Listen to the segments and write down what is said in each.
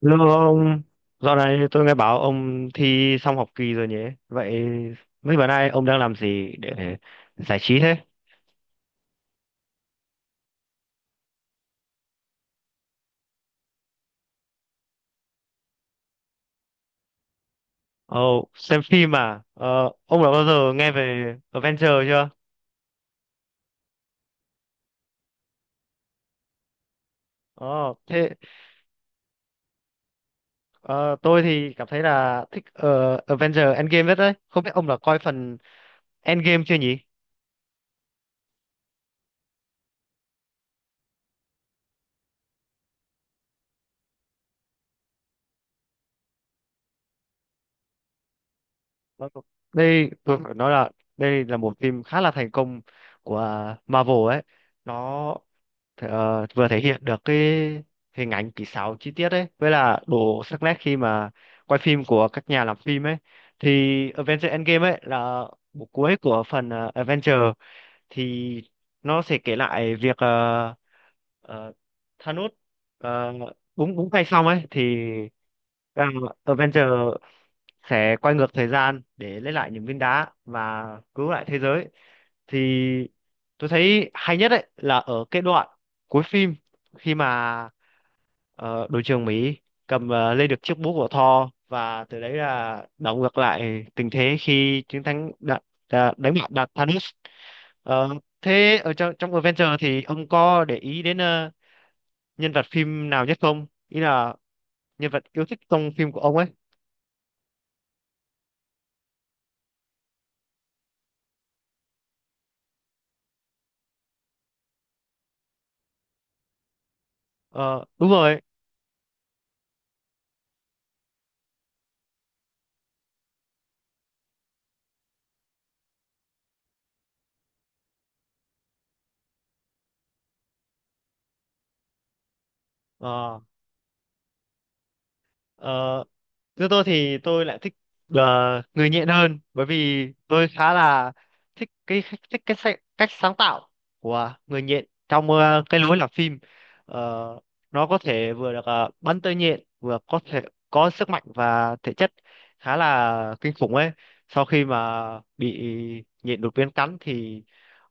Lương ông, dạo này tôi nghe bảo ông thi xong học kỳ rồi nhỉ? Vậy mấy bữa nay ông đang làm gì để giải trí thế? Ồ, xem phim à? Ờ, ông đã bao giờ nghe về Avenger chưa? Ồ, thế ờ, tôi thì cảm thấy là thích Avenger Endgame nhất đấy. Không biết ông đã coi phần Endgame chưa nhỉ? Vâng. Đây, tôi phải nói là đây là một phim khá là thành công của Marvel ấy. Nó vừa thể hiện được cái hình ảnh kỹ xảo chi tiết ấy với là độ sắc nét khi mà quay phim của các nhà làm phim ấy thì Avengers Endgame ấy là bộ cuối của phần Avengers thì nó sẽ kể lại việc ờ, Thanos ờ, búng búng tay xong ấy thì Avengers sẽ quay ngược thời gian để lấy lại những viên đá và cứu lại thế giới thì tôi thấy hay nhất ấy là ở cái đoạn cuối phim khi mà ờ, đội trưởng Mỹ cầm lên được chiếc búa của Thor, và từ đấy là đảo ngược lại tình thế khi chiến thắng đánh bại đạt Thanos. Ờ, thế ở trong trong Avengers thì ông có để ý đến nhân vật phim nào nhất không, ý là nhân vật yêu thích trong phim của ông ấy. Ờ, đúng rồi. Ờ, ờ, Như tôi thì tôi lại thích là người nhện hơn, bởi vì tôi khá là thích cách sáng tạo của người nhện trong cái lối làm phim. Ờ, nó có thể vừa được bắn tơi nhện, vừa có thể có sức mạnh và thể chất khá là kinh khủng ấy. Sau khi mà bị nhện đột biến cắn thì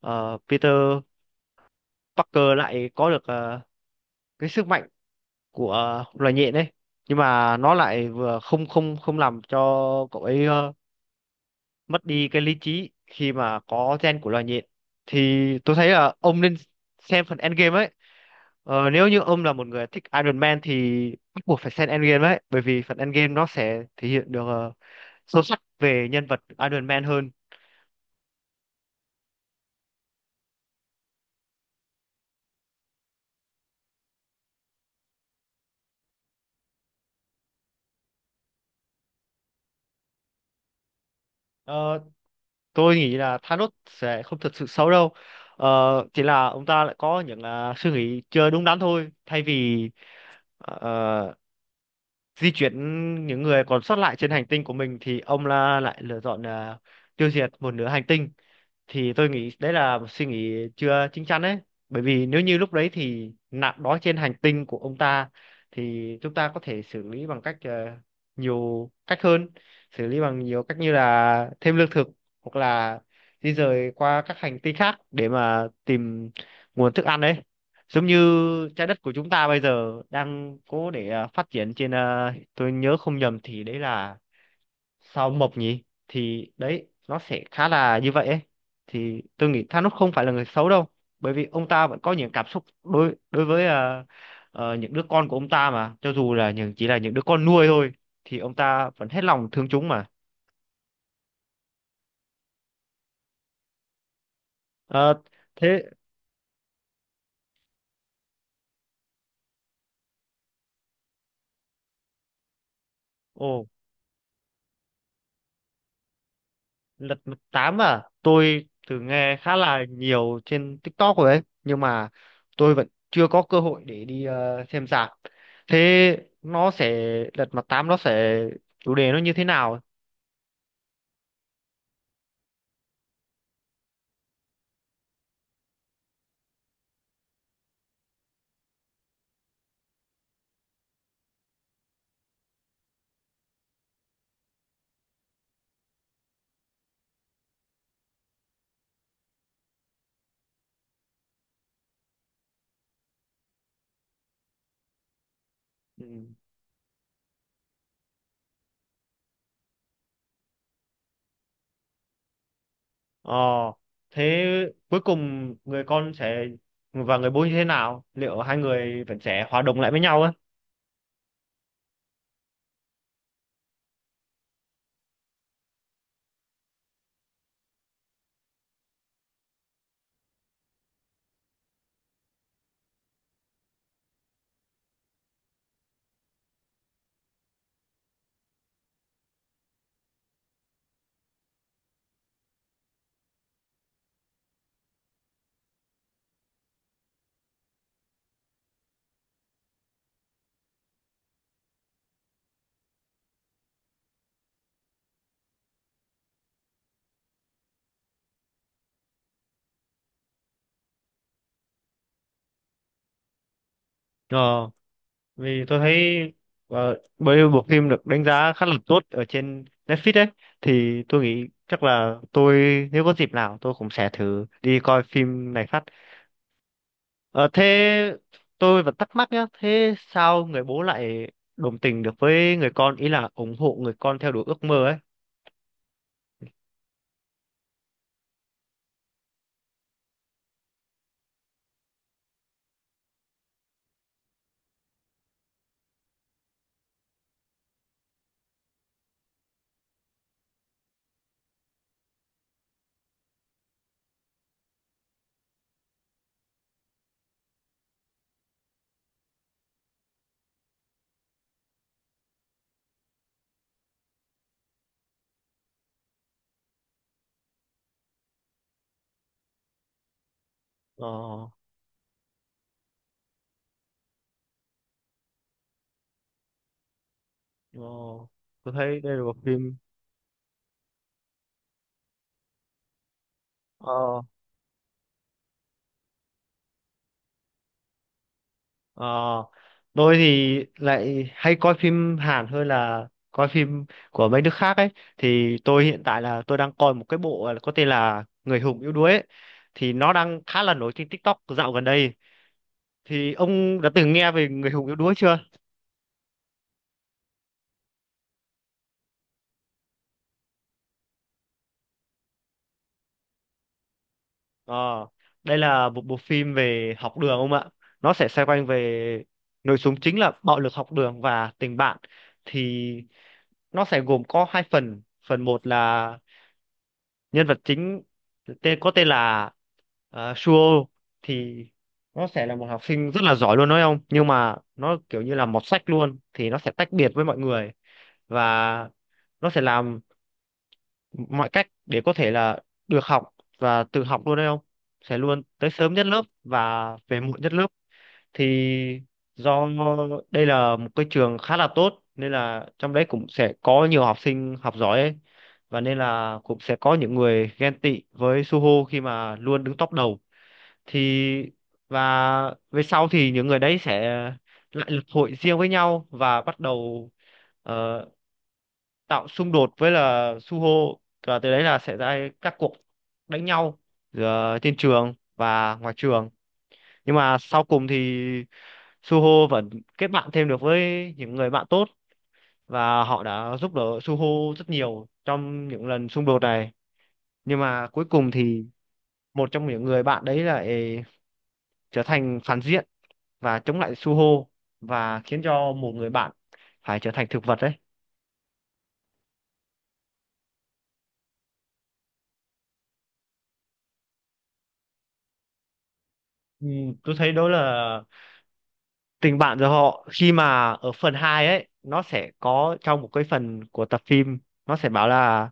Peter Parker lại có được cái sức mạnh của loài nhện ấy, nhưng mà nó lại vừa không không không làm cho cậu ấy mất đi cái lý trí khi mà có gen của loài nhện. Thì tôi thấy là ông nên xem phần Endgame ấy. Nếu như ông là một người thích Iron Man thì bắt buộc phải xem Endgame ấy, bởi vì phần Endgame nó sẽ thể hiện được sâu sắc về nhân vật Iron Man hơn. Ờ, tôi nghĩ là Thanos sẽ không thật sự xấu đâu. Ờ, chỉ là ông ta lại có những suy nghĩ chưa đúng đắn thôi. Thay vì ờ, ờ, di chuyển những người còn sót lại trên hành tinh của mình thì ông là lại lựa chọn là tiêu diệt một nửa hành tinh. Thì tôi nghĩ đấy là một suy nghĩ chưa chín chắn đấy, bởi vì nếu như lúc đấy thì nạn đói trên hành tinh của ông ta thì chúng ta có thể xử lý bằng cách nhiều cách hơn, xử lý bằng nhiều cách như là thêm lương thực, hoặc là di rời qua các hành tinh khác để mà tìm nguồn thức ăn đấy, giống như trái đất của chúng ta bây giờ đang cố để phát triển trên, tôi nhớ không nhầm thì đấy là sao Mộc nhỉ, thì đấy nó sẽ khá là như vậy ấy. Thì tôi nghĩ Thanos không phải là người xấu đâu, bởi vì ông ta vẫn có những cảm xúc đối đối với những đứa con của ông ta mà, cho dù là chỉ là những đứa con nuôi thôi thì ông ta vẫn hết lòng thương chúng mà. Ờ, thế ồ, Lật Mặt Tám à? Tôi từng nghe khá là nhiều trên TikTok rồi ấy, nhưng mà tôi vẫn chưa có cơ hội để đi xem rạp. Thế nó sẽ lật mặt tám nó sẽ chủ đề nó như thế nào? Ừ. Ờ, thế cuối cùng người con sẽ và người bố như thế nào? Liệu hai người vẫn sẽ hòa đồng lại với nhau ấy? Ờ. Vì tôi thấy bởi vì bộ phim được đánh giá khá là tốt ở trên Netflix ấy, thì tôi nghĩ chắc là tôi, nếu có dịp nào tôi cũng sẽ thử đi coi phim này phát. Ờ, thế tôi vẫn thắc mắc nhá, thế sao người bố lại đồng tình được với người con, ý là ủng hộ người con theo đuổi ước mơ ấy. ờ, ờ, tôi thấy đây là một phim. Ờ Ờ, tôi thì lại hay coi phim Hàn hơn là coi phim của mấy nước khác ấy. Thì tôi hiện tại là tôi đang coi một cái bộ có tên là Người hùng yếu đuối ấy. Thì nó đang khá là nổi trên TikTok dạo gần đây. Thì ông đã từng nghe về Người hùng yếu đuối chưa? Ờ, đây là một bộ phim về học đường ông ạ. Nó sẽ xoay quanh về nội dung chính là bạo lực học đường và tình bạn. Thì nó sẽ gồm có hai phần. Phần một là nhân vật chính có tên là Suo, thì nó sẽ là một học sinh rất là giỏi, luôn nói không, nhưng mà nó kiểu như là mọt sách luôn, thì nó sẽ tách biệt với mọi người, và nó sẽ làm mọi cách để có thể là được học, và tự học luôn đấy, không sẽ luôn tới sớm nhất lớp và về muộn nhất lớp. Thì do đây là một cái trường khá là tốt nên là trong đấy cũng sẽ có nhiều học sinh học giỏi ấy, và nên là cũng sẽ có những người ghen tị với Suho khi mà luôn đứng top đầu. Thì và về sau thì những người đấy sẽ lại lập hội riêng với nhau và bắt đầu ờ, tạo xung đột với là Suho, và từ đấy là sẽ ra các cuộc đánh nhau giữa trên trường và ngoài trường. Nhưng mà sau cùng thì Suho vẫn kết bạn thêm được với những người bạn tốt, và họ đã giúp đỡ Suho rất nhiều trong những lần xung đột này. Nhưng mà cuối cùng thì một trong những người bạn đấy lại trở thành phản diện và chống lại Suho, và khiến cho một người bạn phải trở thành thực vật đấy. Ừ, tôi thấy đó là tình bạn giữa họ. Khi mà ở phần 2 ấy, nó sẽ có trong một cái phần của tập phim, nó sẽ bảo là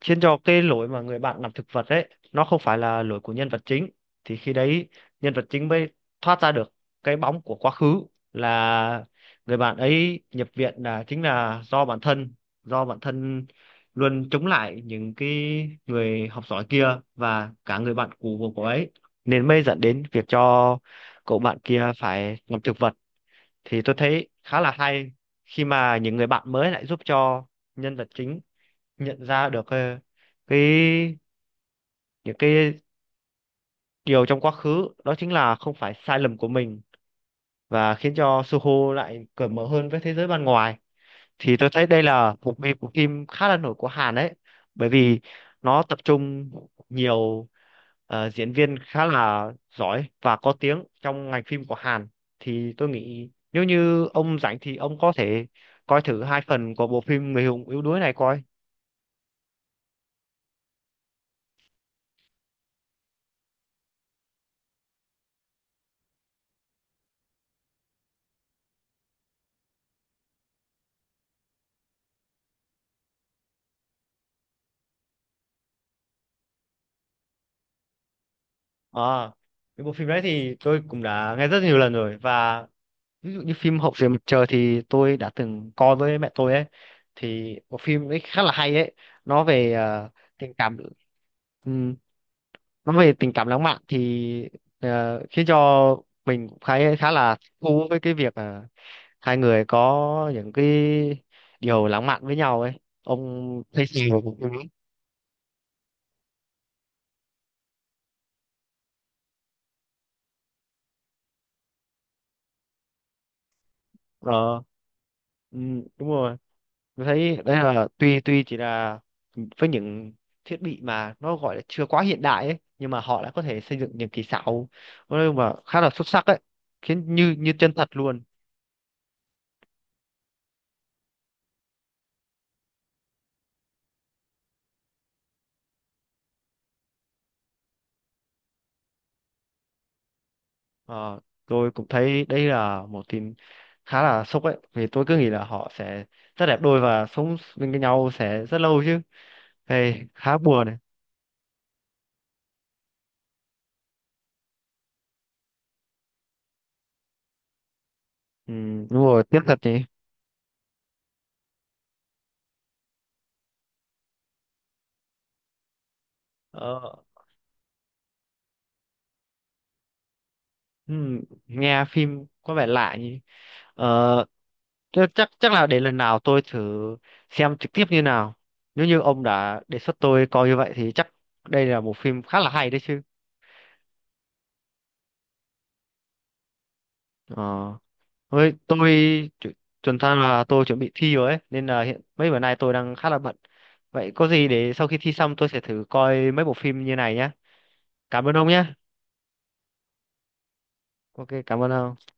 khiến cho cái lỗi mà người bạn làm thực vật ấy nó không phải là lỗi của nhân vật chính. Thì khi đấy nhân vật chính mới thoát ra được cái bóng của quá khứ, là người bạn ấy nhập viện là chính là do bản thân luôn chống lại những cái người học giỏi kia và cả người bạn cũ của cô ấy, nên mới dẫn đến việc cho cậu bạn kia phải làm thực vật. Thì tôi thấy khá là hay khi mà những người bạn mới lại giúp cho nhân vật chính nhận ra được ờ, cái những cái điều trong quá khứ đó chính là không phải sai lầm của mình, và khiến cho Suho lại cởi mở hơn với thế giới bên ngoài. Thì tôi thấy đây là một bộ phim khá là nổi của Hàn đấy, bởi vì nó tập trung nhiều diễn viên khá là giỏi và có tiếng trong ngành phim của Hàn. Thì tôi nghĩ nếu như ông rảnh thì ông có thể coi thử hai phần của bộ phim Người hùng yếu đuối này coi. À, cái bộ phim đấy thì tôi cũng đã nghe rất nhiều lần rồi, và ví dụ như phim Hậu Duệ Mặt Trời thì tôi đã từng coi với mẹ tôi ấy. Thì bộ phim ấy khá là hay ấy. Nó về tình cảm, ừm, nó về tình cảm lãng mạn, thì khiến cho mình cũng khá khá là thú với cái việc hai người có những cái điều lãng mạn với nhau ấy. Ông thấy sao về bộ phim ấy? ờ đúng rồi, tôi thấy đấy là tuy tuy chỉ là với những thiết bị mà nó gọi là chưa quá hiện đại ấy, nhưng mà họ đã có thể xây dựng những kỹ xảo nói mà khá là xuất sắc ấy, khiến như như chân thật luôn. Ờ, tôi cũng thấy đây là một tin khá là sốc ấy, vì tôi cứ nghĩ là họ sẽ rất đẹp đôi và sống bên với nhau sẽ rất lâu chứ. Hey, khá buồn này. Ừ, đúng rồi, tiếc thật nhỉ. Ờ, ừ, nghe phim có vẻ lạ nhỉ. Ờ, thế chắc chắc là đến lần nào tôi thử xem trực tiếp như nào. Nếu như ông đã đề xuất tôi coi như vậy thì chắc đây là một phim khá là hay đấy chứ. Ờ, với tôi chu- chuẩn ra là tôi chuẩn bị thi rồi ấy, nên là hiện mấy bữa nay tôi đang khá là bận. Vậy có gì để sau khi thi xong tôi sẽ thử coi mấy bộ phim như này nhé. Cảm ơn ông nhé. Ok, cảm ơn ông.